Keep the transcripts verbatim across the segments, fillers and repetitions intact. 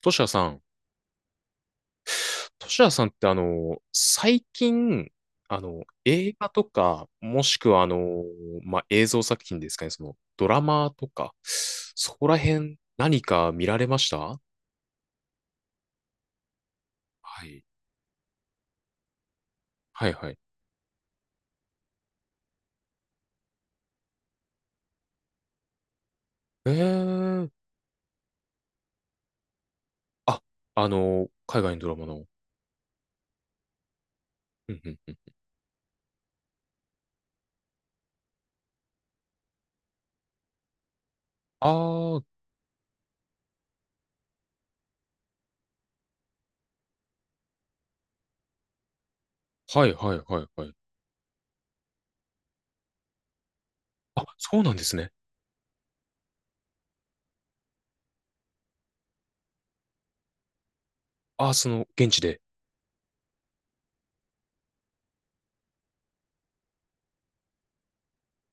トシヤさん。トシヤさんってあの、最近、あの、映画とか、もしくはあの、まあ、映像作品ですかね、その、ドラマとか、そこら辺、何か見られました？はい。はいはい。えー、あ、あの、海外のドラマの。うんうんうん。ああ、はいはいはいはい。あ、そうなんですね。あ、その、現地で。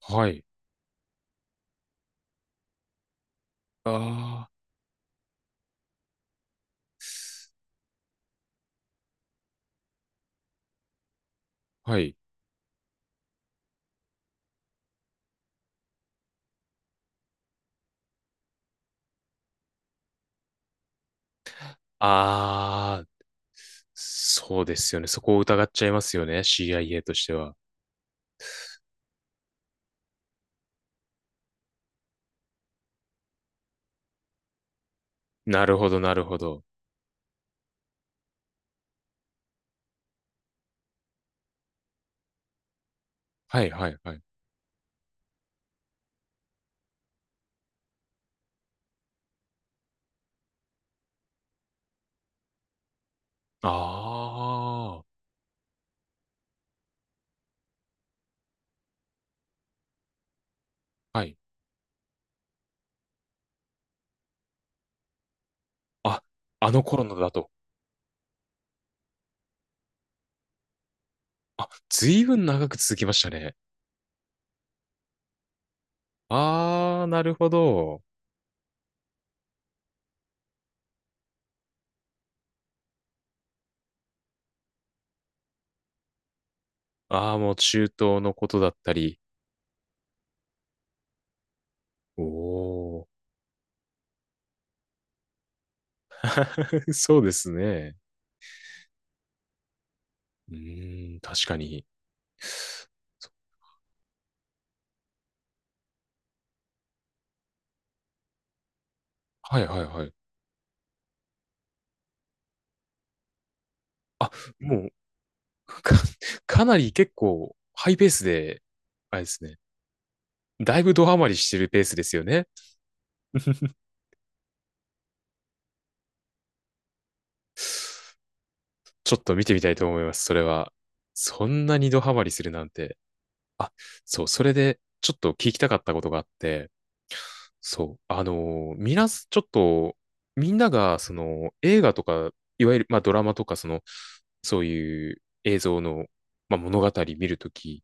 はい。ああ、はい。あ、そうですよね。そこを疑っちゃいますよね。シーアイエー としては。なるほど、なるほど。はい、はい、はい。ああ、はい。あ、あの頃のだと。あ、ずいぶん長く続きましたね。ああ、なるほど。ああ、もう中東のことだったり。おお、そうですね。うーん、確かに。そはい、はい、はい。あ、もう、か、かなり結構ハイペースで、あれですね。だいぶドハマりしてるペースですよね。ちょっと見てみたいと思います、それは。そんなにドハマりするなんて。あ、そう、それでちょっと聞きたかったことがあって、そう、あのー、みなす、ちょっと、みんなが、その、映画とか、いわゆる、まあ、ドラマとか、その、そういう映像の、まあ、物語見るとき、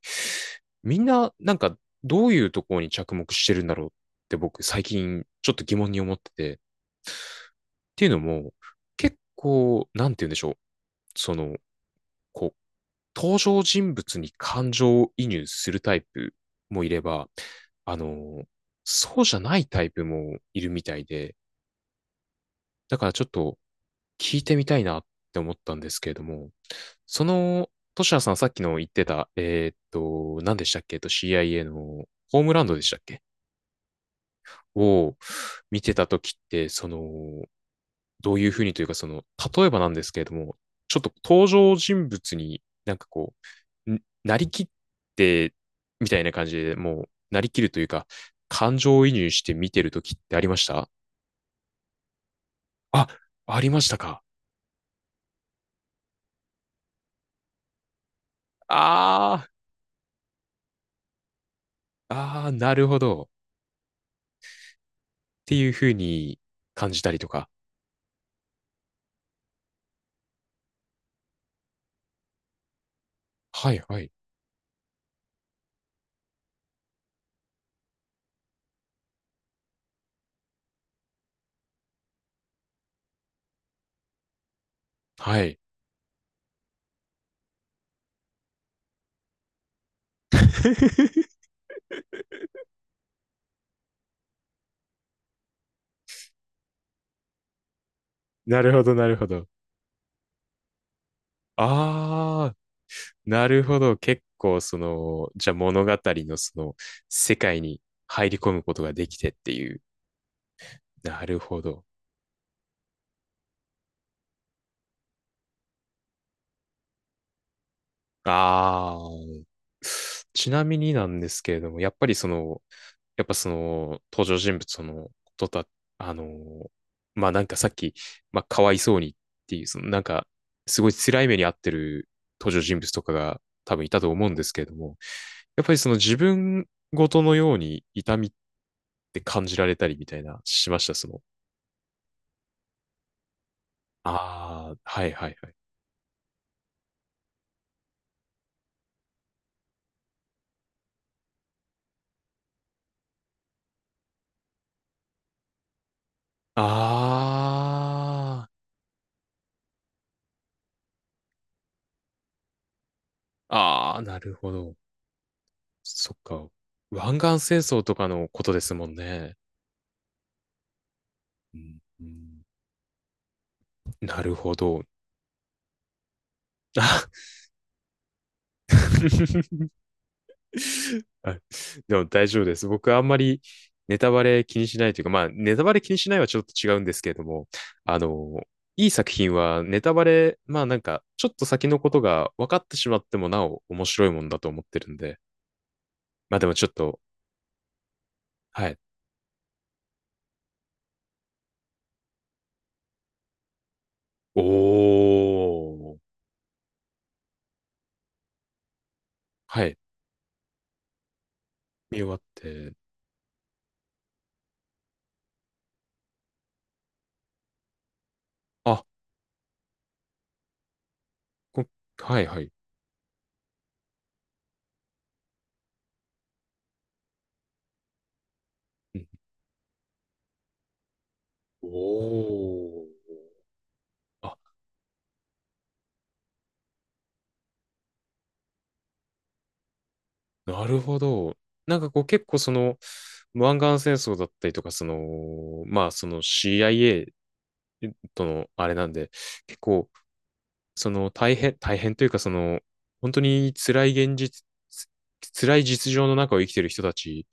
みんな、なんか、どういうところに着目してるんだろうって僕、最近、ちょっと疑問に思ってて、っていうのも、結構、なんて言うんでしょう。その、こう、登場人物に感情を移入するタイプもいれば、あの、そうじゃないタイプもいるみたいで、だからちょっと聞いてみたいなって思ったんですけれども、その、トシヤさんさっきの言ってた、えーっと、何でしたっけえっと、シーアイエー のホームランドでしたっけを見てた時って、その、どういうふうにというか、その、例えばなんですけれども、ちょっと登場人物になんかこう、なりきって、みたいな感じで、もう、なりきるというか、感情移入して見てるときってありました？あ、ありましたか。あー、あー、なるほど。っていうふうに感じたりとか。はい、はい、はい。なるほど、なるほど。あー、なるほど。結構、その、じゃあ物語のその、世界に入り込むことができてっていう。なるほど。ああ、ちなみになんですけれども、やっぱりその、やっぱその、登場人物のことだ、あのー、まあなんかさっき、まあかわいそうにっていう、そのなんか、すごい辛い目に遭ってる登場人物とかが多分いたと思うんですけれども、やっぱりその自分ごとのように痛みって感じられたりみたいな、しました、その。ああ、はいはいはい。ああ、ああ、なるほど。そっか。湾岸戦争とかのことですもんね。うんうん、なるほど。あ、 あ、でも大丈夫です。僕あんまりネタバレ気にしないというか、まあネタバレ気にしないはちょっと違うんですけれども、あの、いい作品はネタバレ、まあなんかちょっと先のことが分かってしまってもなお面白いもんだと思ってるんで、まあでもちょっと、はい。おー。はい。見終わって、あ、こはいはい。おお。あ、なるほど。なんかこう結構その、湾岸戦争だったりとか、その、まあその シーアイエー とのあれなんで、結構その大変、大変というかその、本当に辛い現実、辛い実情の中を生きてる人たち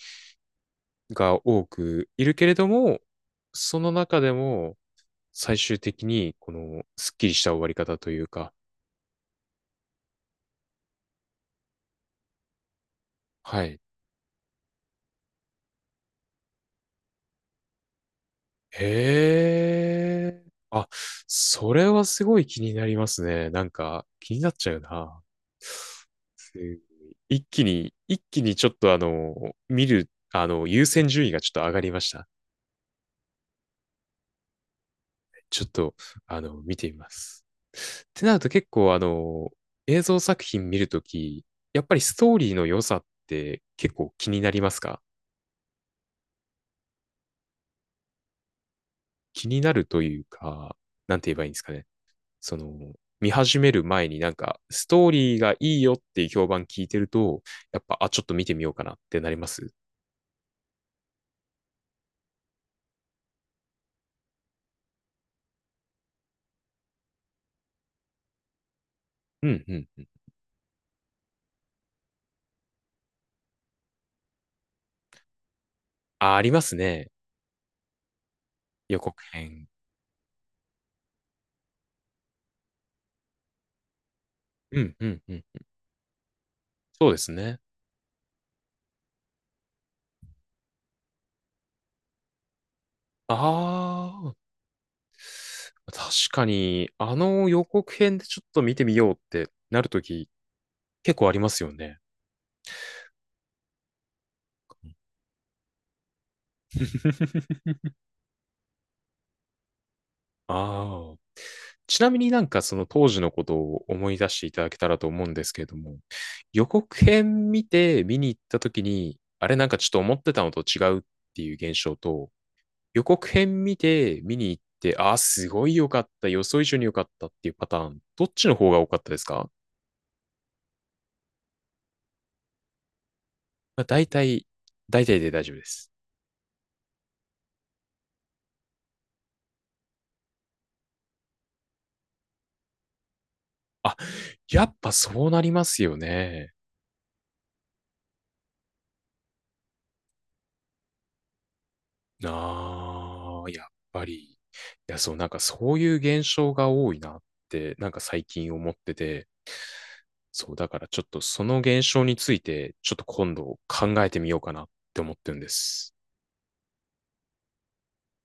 が多くいるけれども、その中でも最終的にこのスッキリした終わり方というか、はい。へえ。あ、それはすごい気になりますね。なんか、気になっちゃうな。すごい一気に、一気にちょっとあの、見る、あの、優先順位がちょっと上がりました。ちょっと、あの、見てみます。ってなると結構あの、映像作品見るとき、やっぱりストーリーの良さって結構気になりますか？気になるというか、なんて言えばいいんですかね。その、見始める前になんか、ストーリーがいいよっていう評判聞いてると、やっぱ、あ、ちょっと見てみようかなってなります？うんうん。あ、ありますね。予告編。うんうんうん。そうですね。ああ、確かに、あの予告編でちょっと見てみようってなるとき、結構ありますよね。ああ。ちなみになんかその当時のことを思い出していただけたらと思うんですけれども、予告編見て見に行った時に、あれなんかちょっと思ってたのと違うっていう現象と、予告編見て見に行って、ああ、すごい良かった、予想以上に良かったっていうパターン、どっちの方が多かったですか？まあ、大体、大体で大丈夫です。あ、やっぱそうなりますよね。ああ、やっぱり。いや、そう、なんかそういう現象が多いなって、なんか最近思ってて、そう、だからちょっとその現象について、ちょっと今度考えてみようかなって思ってるんです。